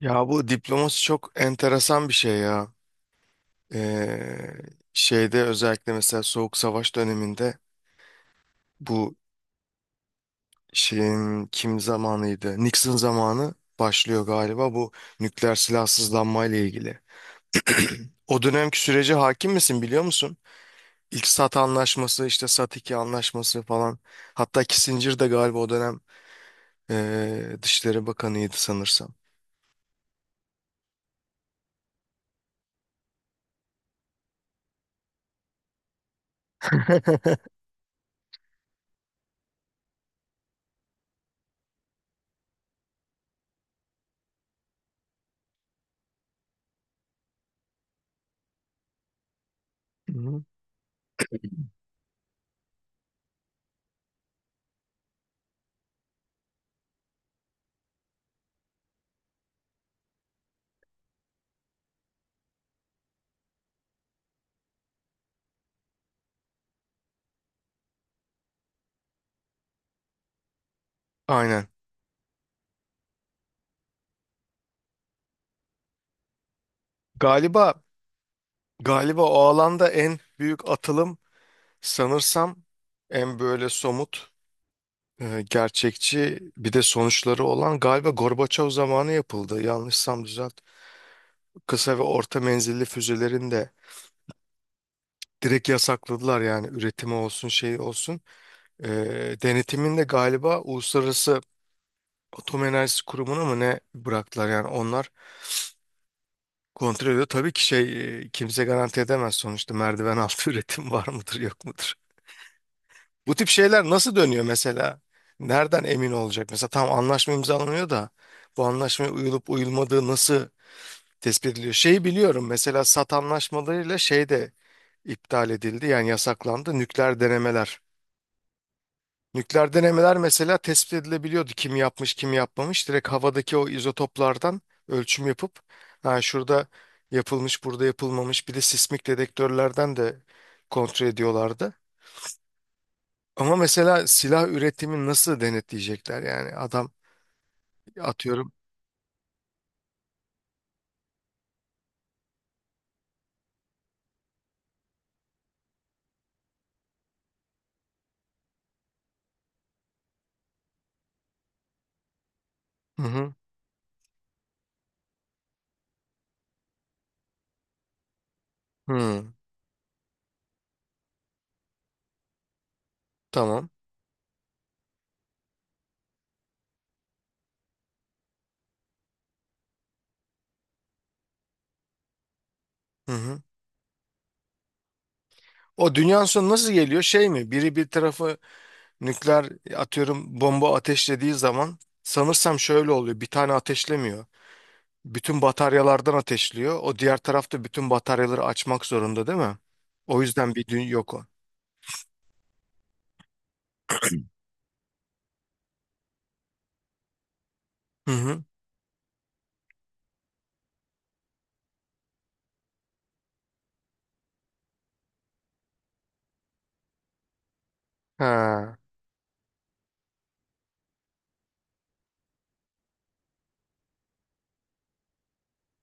Ya bu diplomasi çok enteresan bir şey ya. Ee, şeyde özellikle mesela Soğuk Savaş döneminde bu şeyin kim zamanıydı? Nixon zamanı başlıyor galiba bu nükleer silahsızlanma ile ilgili. O dönemki sürece hakim misin biliyor musun? İlk SALT anlaşması işte SALT 2 anlaşması falan. Hatta Kissinger de galiba o dönem Dışişleri Bakanıydı sanırsam. Hı hı. Aynen. Galiba Galiba o alanda en büyük atılım sanırsam en böyle somut, gerçekçi bir de sonuçları olan galiba Gorbaçov zamanı yapıldı. Yanlışsam düzelt. Kısa ve orta menzilli füzelerin de direkt yasakladılar yani üretimi olsun şey olsun. E, denetimin de galiba Uluslararası Atom Enerjisi Kurumu'na mı ne bıraktılar yani onlar kontrol ediyor. Tabii ki şey kimse garanti edemez sonuçta merdiven altı üretim var mıdır yok mudur. Bu tip şeyler nasıl dönüyor mesela? Nereden emin olacak? Mesela tam anlaşma imzalanıyor da bu anlaşmaya uyulup uyulmadığı nasıl tespit ediliyor? Şeyi biliyorum mesela SAT anlaşmalarıyla şey de iptal edildi yani yasaklandı nükleer denemeler. Nükleer denemeler mesela tespit edilebiliyordu kim yapmış kim yapmamış. Direkt havadaki o izotoplardan ölçüm yapıp ha şurada yapılmış burada yapılmamış bir de sismik dedektörlerden de kontrol ediyorlardı. Ama mesela silah üretimini nasıl denetleyecekler yani adam atıyorum. Hı hı. Hı. Tamam. Hı hı. O dünyanın sonu nasıl geliyor? Şey mi? Biri bir tarafı nükleer atıyorum bomba ateşlediği zaman sanırsam şöyle oluyor. Bir tane ateşlemiyor. Bütün bataryalardan ateşliyor. O diğer tarafta bütün bataryaları açmak zorunda değil mi? O yüzden bir dün yok o. Hı hı. Ha.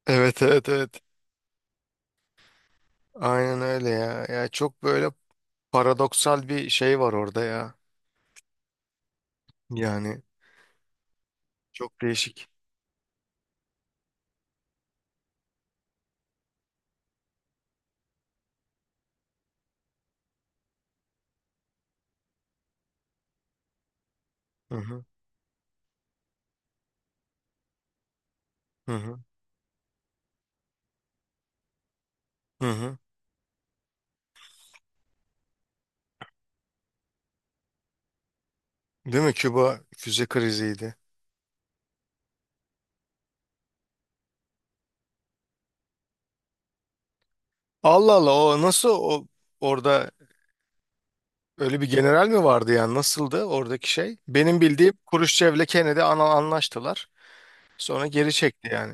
Evet evet evet. Aynen öyle ya. Ya çok böyle paradoksal bir şey var orada ya. Yani çok değişik. Hı hı. Hı hı. Hı hı. Değil mi? Küba füze kriziydi. Allah Allah o nasıl o orada öyle bir general mi vardı yani nasıldı oradaki şey? Benim bildiğim Kuruşçev'le Kennedy anlaştılar. Sonra geri çekti yani.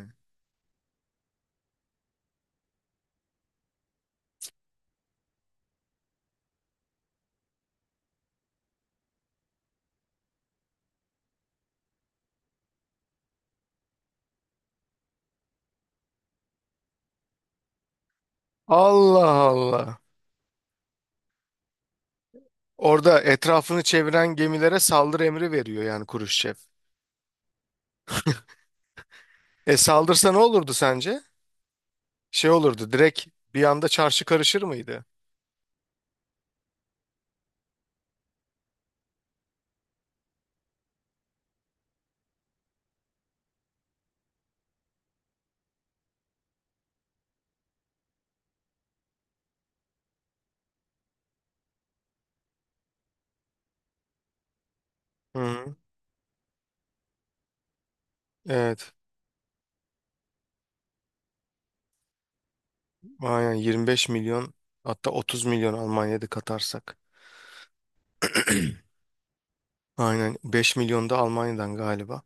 Allah Allah. Orada etrafını çeviren gemilere saldırı emri veriyor yani Kuruşçev. E saldırsa ne olurdu sence? Şey olurdu direkt bir anda çarşı karışır mıydı? Hı hı. Evet. Aynen 25 milyon hatta 30 milyon Almanya'da katarsak. Aynen 5 milyon da Almanya'dan galiba.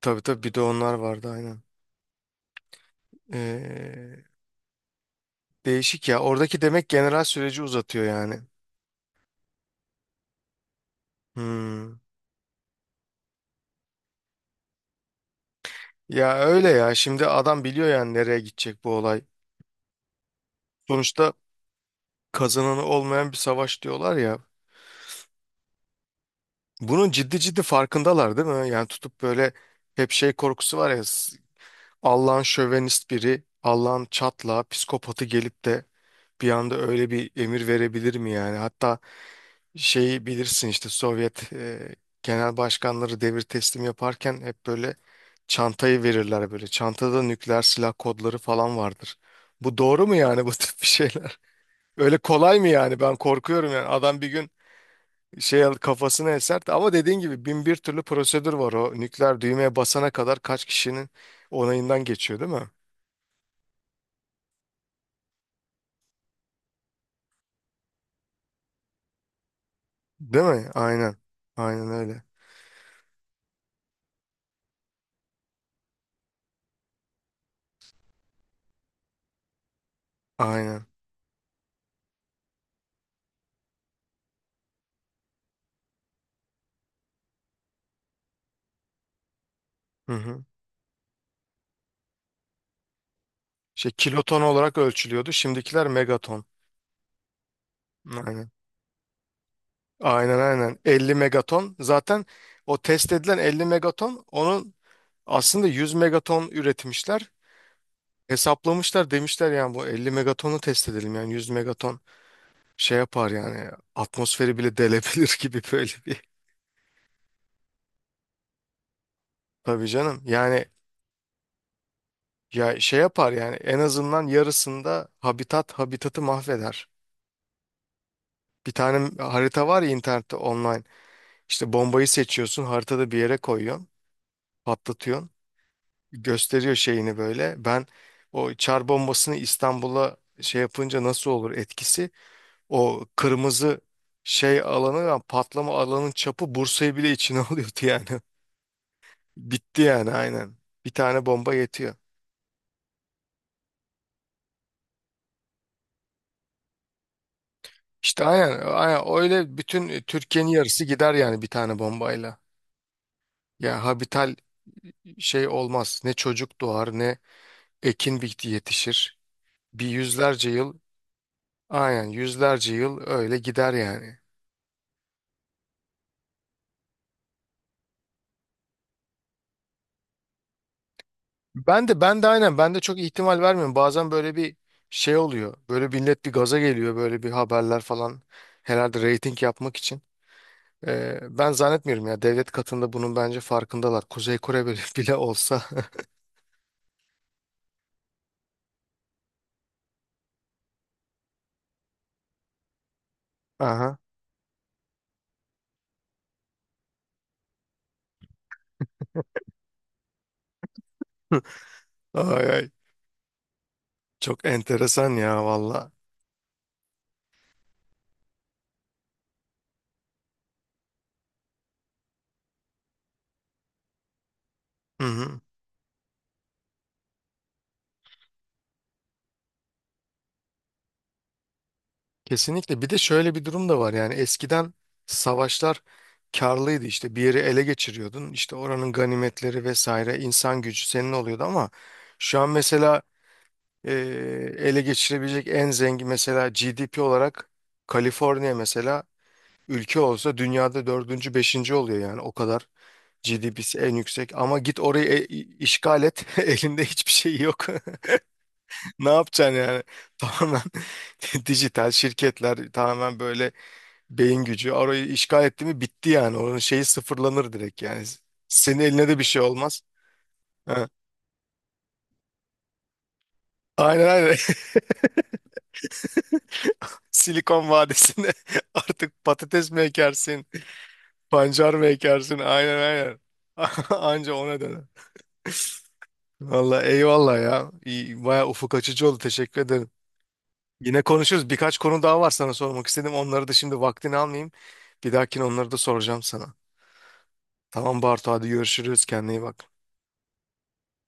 Tabii tabii bir de onlar vardı aynen. Ee, değişik ya. Oradaki demek general süreci uzatıyor yani. Hmm. Ya öyle ya. Şimdi adam biliyor yani nereye gidecek bu olay. Sonuçta kazananı olmayan bir savaş diyorlar ya. Bunun ciddi ciddi farkındalar değil mi? Yani tutup böyle hep şey korkusu var ya. Allah'ın şövenist biri, Allah'ın çatla, psikopatı gelip de bir anda öyle bir emir verebilir mi yani? Hatta şeyi bilirsin işte Sovyet genel başkanları devir teslim yaparken hep böyle çantayı verirler böyle. Çantada nükleer silah kodları falan vardır. Bu doğru mu yani bu tip bir şeyler? Öyle kolay mı yani? Ben korkuyorum yani. Adam bir gün şey kafasını eser ama dediğin gibi bin bir türlü prosedür var o nükleer düğmeye basana kadar kaç kişinin onayından geçiyor değil mi? Değil mi? Aynen. Aynen öyle. Aynen. Hı hı. Şey kiloton olarak ölçülüyordu. Şimdikiler megaton. Aynen. Aynen aynen. 50 megaton. Zaten o test edilen 50 megaton onun aslında 100 megaton üretmişler. Hesaplamışlar demişler yani bu 50 megatonu test edelim yani 100 megaton şey yapar yani atmosferi bile delebilir gibi böyle bir. Tabii canım. Yani ya şey yapar yani en azından yarısında habitatı mahveder. Bir tane harita var ya internette online. İşte bombayı seçiyorsun haritada bir yere koyuyorsun. Patlatıyorsun. Gösteriyor şeyini böyle. Ben o çar bombasını İstanbul'a şey yapınca nasıl olur etkisi? O kırmızı şey alanı yani patlama alanın çapı Bursa'yı bile içine alıyordu yani. Bitti yani aynen. Bir tane bomba yetiyor. İşte aynen, aynen öyle bütün Türkiye'nin yarısı gider yani bir tane bombayla. Ya habital şey olmaz. Ne çocuk doğar ne ekin bitti yetişir. Bir yüzlerce yıl aynen yüzlerce yıl öyle gider yani. Ben de aynen ben de çok ihtimal vermiyorum. Bazen böyle bir şey oluyor. Böyle millet bir gaza geliyor böyle bir haberler falan herhalde reyting yapmak için. Ben zannetmiyorum ya devlet katında bunun bence farkındalar. Kuzey Kore bile, bile olsa. Aha. Ay ay. Çok enteresan ya valla. Hı hı. Kesinlikle. Bir de şöyle bir durum da var yani eskiden savaşlar karlıydı işte bir yeri ele geçiriyordun işte oranın ganimetleri vesaire insan gücü senin oluyordu ama şu an mesela e, ele geçirebilecek en zengin mesela GDP olarak Kaliforniya mesela ülke olsa dünyada dördüncü, beşinci oluyor yani o kadar GDP'si en yüksek ama git orayı işgal et elinde hiçbir şey yok ne yapacaksın yani tamamen dijital şirketler tamamen böyle beyin gücü orayı işgal etti mi bitti yani onun şeyi sıfırlanır direkt yani senin eline de bir şey olmaz. Ha. Aynen aynen Silikon Vadisi'nde artık patates mi ekersin? Pancar mı ekersin? Aynen aynen. Anca ona döner. Valla eyvallah ya. İyi, baya ufuk açıcı oldu. Teşekkür ederim. Yine konuşuruz. Birkaç konu daha var sana sormak istedim. Onları da şimdi vaktini almayayım. Bir dahakine onları da soracağım sana. Tamam Bartu hadi görüşürüz. Kendine iyi bak.